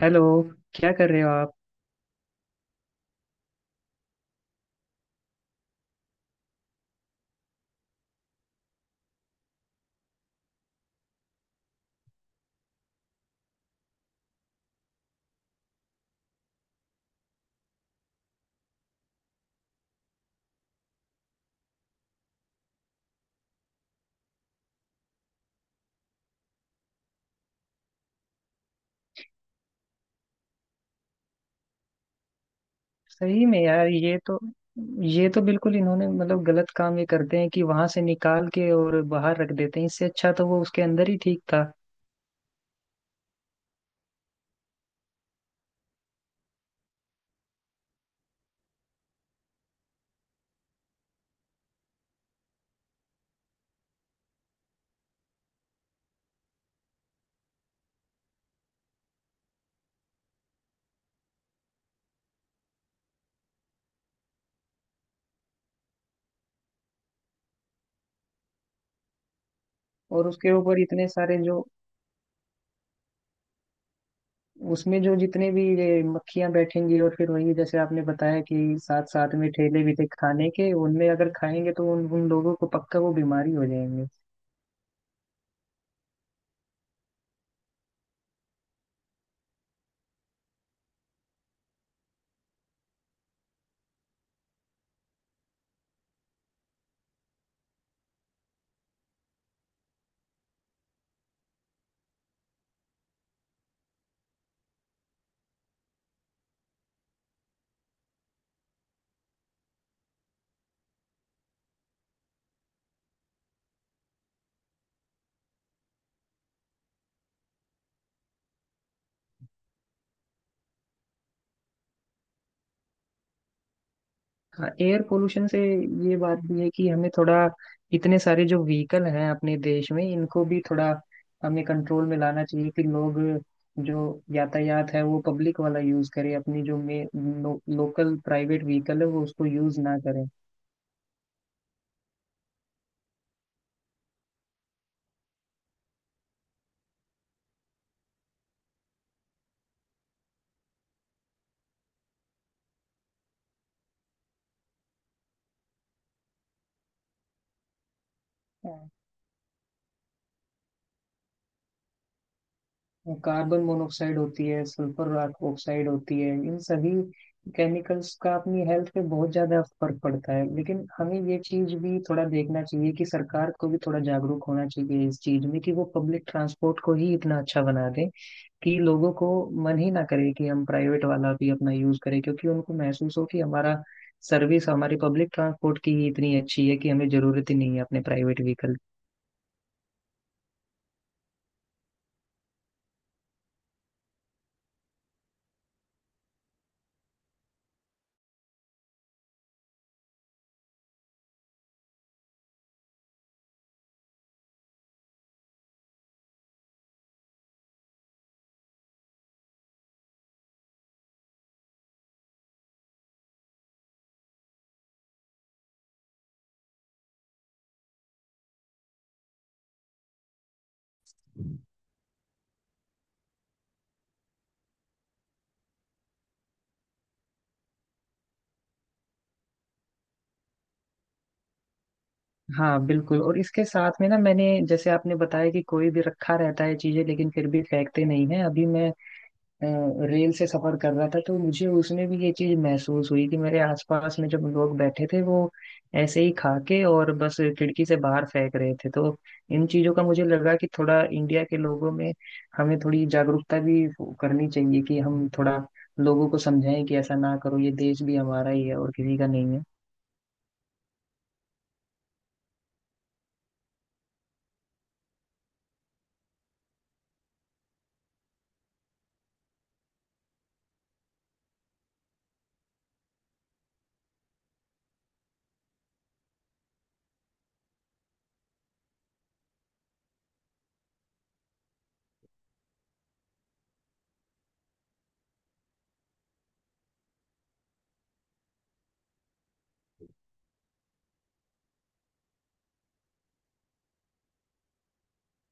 Hello. क्या कर रहे हो आप? सही में यार, ये तो बिल्कुल इन्होंने मतलब गलत काम ये करते हैं कि वहां से निकाल के और बाहर रख देते हैं। इससे अच्छा तो वो उसके अंदर ही ठीक था। और उसके ऊपर इतने सारे जो उसमें, जो जितने भी ये मक्खियां बैठेंगी और फिर वही जैसे आपने बताया कि साथ साथ में ठेले भी थे खाने के, उनमें अगर खाएंगे तो उन उन लोगों को पक्का वो बीमारी हो जाएंगे। हाँ, एयर पोल्यूशन से। ये बात भी है कि हमें थोड़ा, इतने सारे जो व्हीकल हैं अपने देश में, इनको भी थोड़ा हमें कंट्रोल में लाना चाहिए कि लोग, जो यातायात है वो पब्लिक वाला यूज करें, अपनी जो लोकल प्राइवेट व्हीकल है वो उसको यूज ना करें। कार्बन मोनोऑक्साइड होती है, सल्फर ऑक्साइड होती है, इन सभी केमिकल्स का अपनी हेल्थ पे बहुत ज्यादा फर्क पड़ता है। लेकिन हमें ये चीज भी थोड़ा देखना चाहिए कि सरकार को भी थोड़ा जागरूक होना चाहिए इस चीज में, कि वो पब्लिक ट्रांसपोर्ट को ही इतना अच्छा बना दे कि लोगों को मन ही ना करे कि हम प्राइवेट वाला भी अपना यूज करें, क्योंकि उनको महसूस हो कि हमारा सर्विस, हमारी पब्लिक ट्रांसपोर्ट की ही इतनी अच्छी है कि हमें जरूरत ही नहीं है अपने प्राइवेट व्हीकल की। हाँ बिल्कुल। और इसके साथ में ना, मैंने जैसे आपने बताया कि कोई भी रखा रहता है चीजें, लेकिन फिर भी फेंकते नहीं है। अभी मैं अ, रेल से सफर कर रहा था, तो मुझे उसमें भी ये चीज महसूस हुई कि मेरे आसपास में जब लोग बैठे थे, वो ऐसे ही खा के और बस खिड़की से बाहर फेंक रहे थे। तो इन चीजों का मुझे लगा कि थोड़ा इंडिया के लोगों में हमें थोड़ी जागरूकता भी करनी चाहिए, कि हम थोड़ा लोगों को समझाएं कि ऐसा ना करो, ये देश भी हमारा ही है और किसी का नहीं है।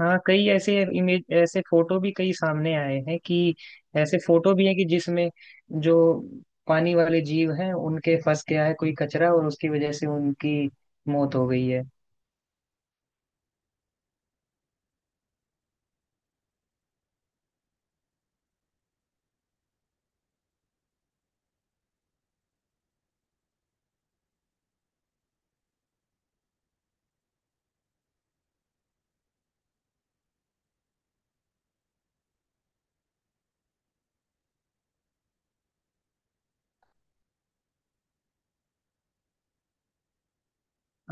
हाँ, कई ऐसे इमेज, ऐसे फोटो भी कई सामने आए हैं कि, ऐसे फोटो भी हैं कि जिसमें जो पानी वाले जीव हैं, उनके फंस गया है कोई कचरा और उसकी वजह से उनकी मौत हो गई है।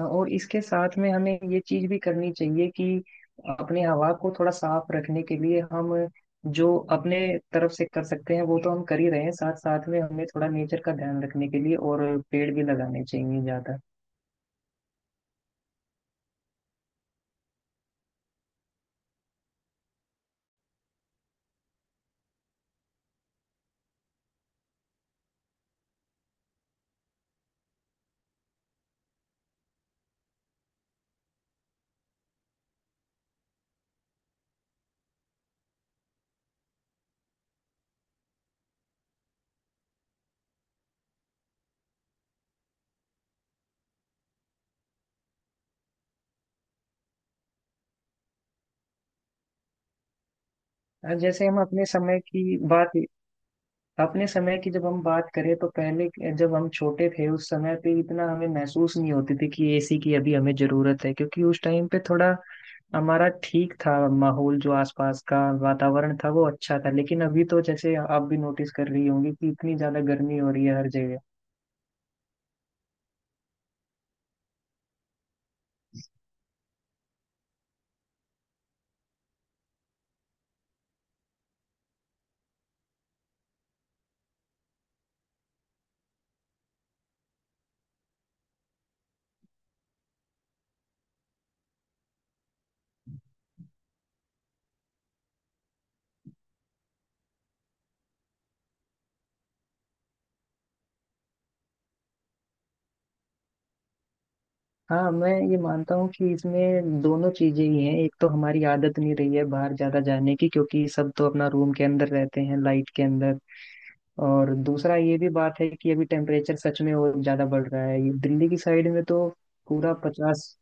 और इसके साथ में हमें ये चीज भी करनी चाहिए कि अपने हवा को थोड़ा साफ रखने के लिए हम जो अपने तरफ से कर सकते हैं वो तो हम कर ही रहे हैं, साथ साथ में हमें थोड़ा नेचर का ध्यान रखने के लिए और पेड़ भी लगाने चाहिए ज्यादा। जैसे हम अपने समय की बात, अपने समय की जब हम बात करें, तो जब हम छोटे थे उस समय पे इतना हमें महसूस नहीं होती थी कि एसी की अभी हमें जरूरत है, क्योंकि उस टाइम पे थोड़ा हमारा ठीक था माहौल, जो आसपास का वातावरण था वो अच्छा था। लेकिन अभी तो जैसे आप भी नोटिस कर रही होंगी कि इतनी ज्यादा गर्मी हो रही है हर जगह। हाँ, मैं ये मानता हूँ कि इसमें दोनों चीजें ही हैं। एक तो हमारी आदत नहीं रही है बाहर ज्यादा जाने की, क्योंकि सब तो अपना रूम के अंदर रहते हैं, लाइट के अंदर। और दूसरा ये भी बात है कि अभी टेम्परेचर सच में और ज्यादा बढ़ रहा है, ये दिल्ली की साइड में तो पूरा पचास।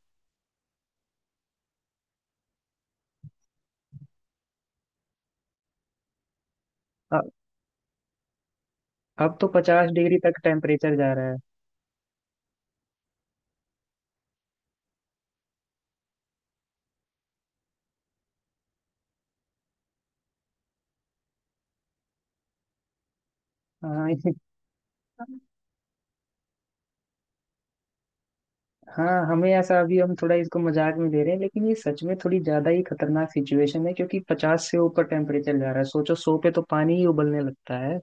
अब तो पचास डिग्री तक टेम्परेचर जा रहा है। हाँ, हाँ, हमें ऐसा, अभी हम थोड़ा इसको मजाक में ले रहे हैं, लेकिन ये सच में थोड़ी ज्यादा ही खतरनाक सिचुएशन है, क्योंकि पचास से ऊपर टेम्परेचर जा रहा है। सोचो, सौ पे तो पानी ही उबलने लगता है।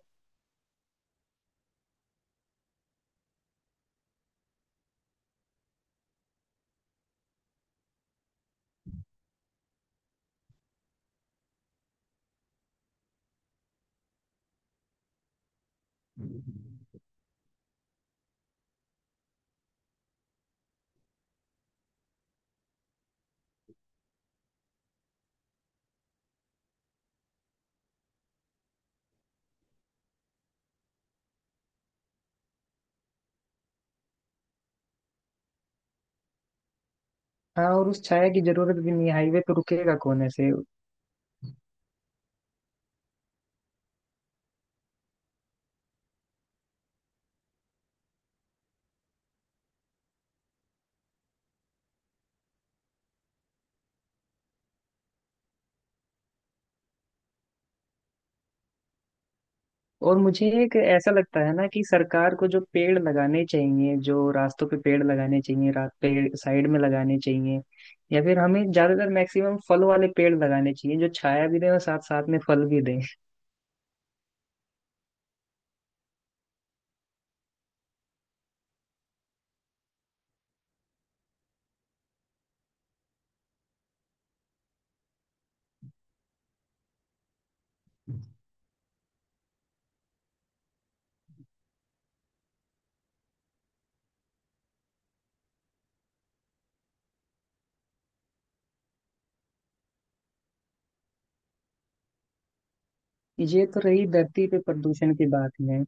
हाँ, और उस छाया की जरूरत भी नहीं, हाईवे पे रुकेगा कौन ऐसे? और मुझे एक ऐसा लगता है ना कि सरकार को जो पेड़ लगाने चाहिए, जो रास्तों पे पेड़ लगाने चाहिए, पेड़ साइड में लगाने चाहिए। या फिर हमें ज्यादातर मैक्सिमम फल वाले पेड़ लगाने चाहिए, जो छाया भी दें और साथ साथ में फल भी दें। ये तो रही धरती पे प्रदूषण की बात है।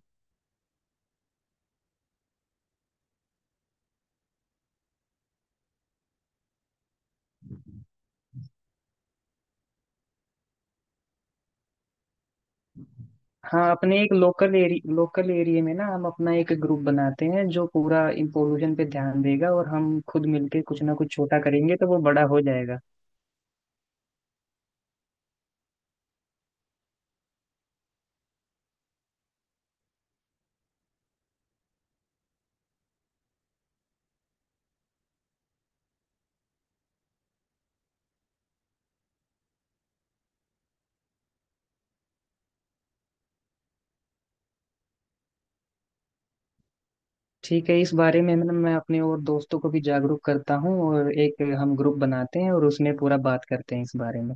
हाँ, अपने एक लोकल एरिया में ना हम अपना एक ग्रुप बनाते हैं, जो पूरा इन पोल्यूशन पे ध्यान देगा, और हम खुद मिलके कुछ ना कुछ छोटा करेंगे तो वो बड़ा हो जाएगा। ठीक है, इस बारे में मैं अपने और दोस्तों को भी जागरूक करता हूँ, और एक हम ग्रुप बनाते हैं और उसमें पूरा बात करते हैं इस बारे में।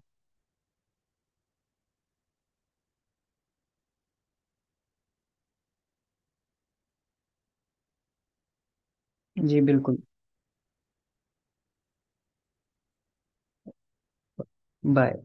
जी बिल्कुल। बाय।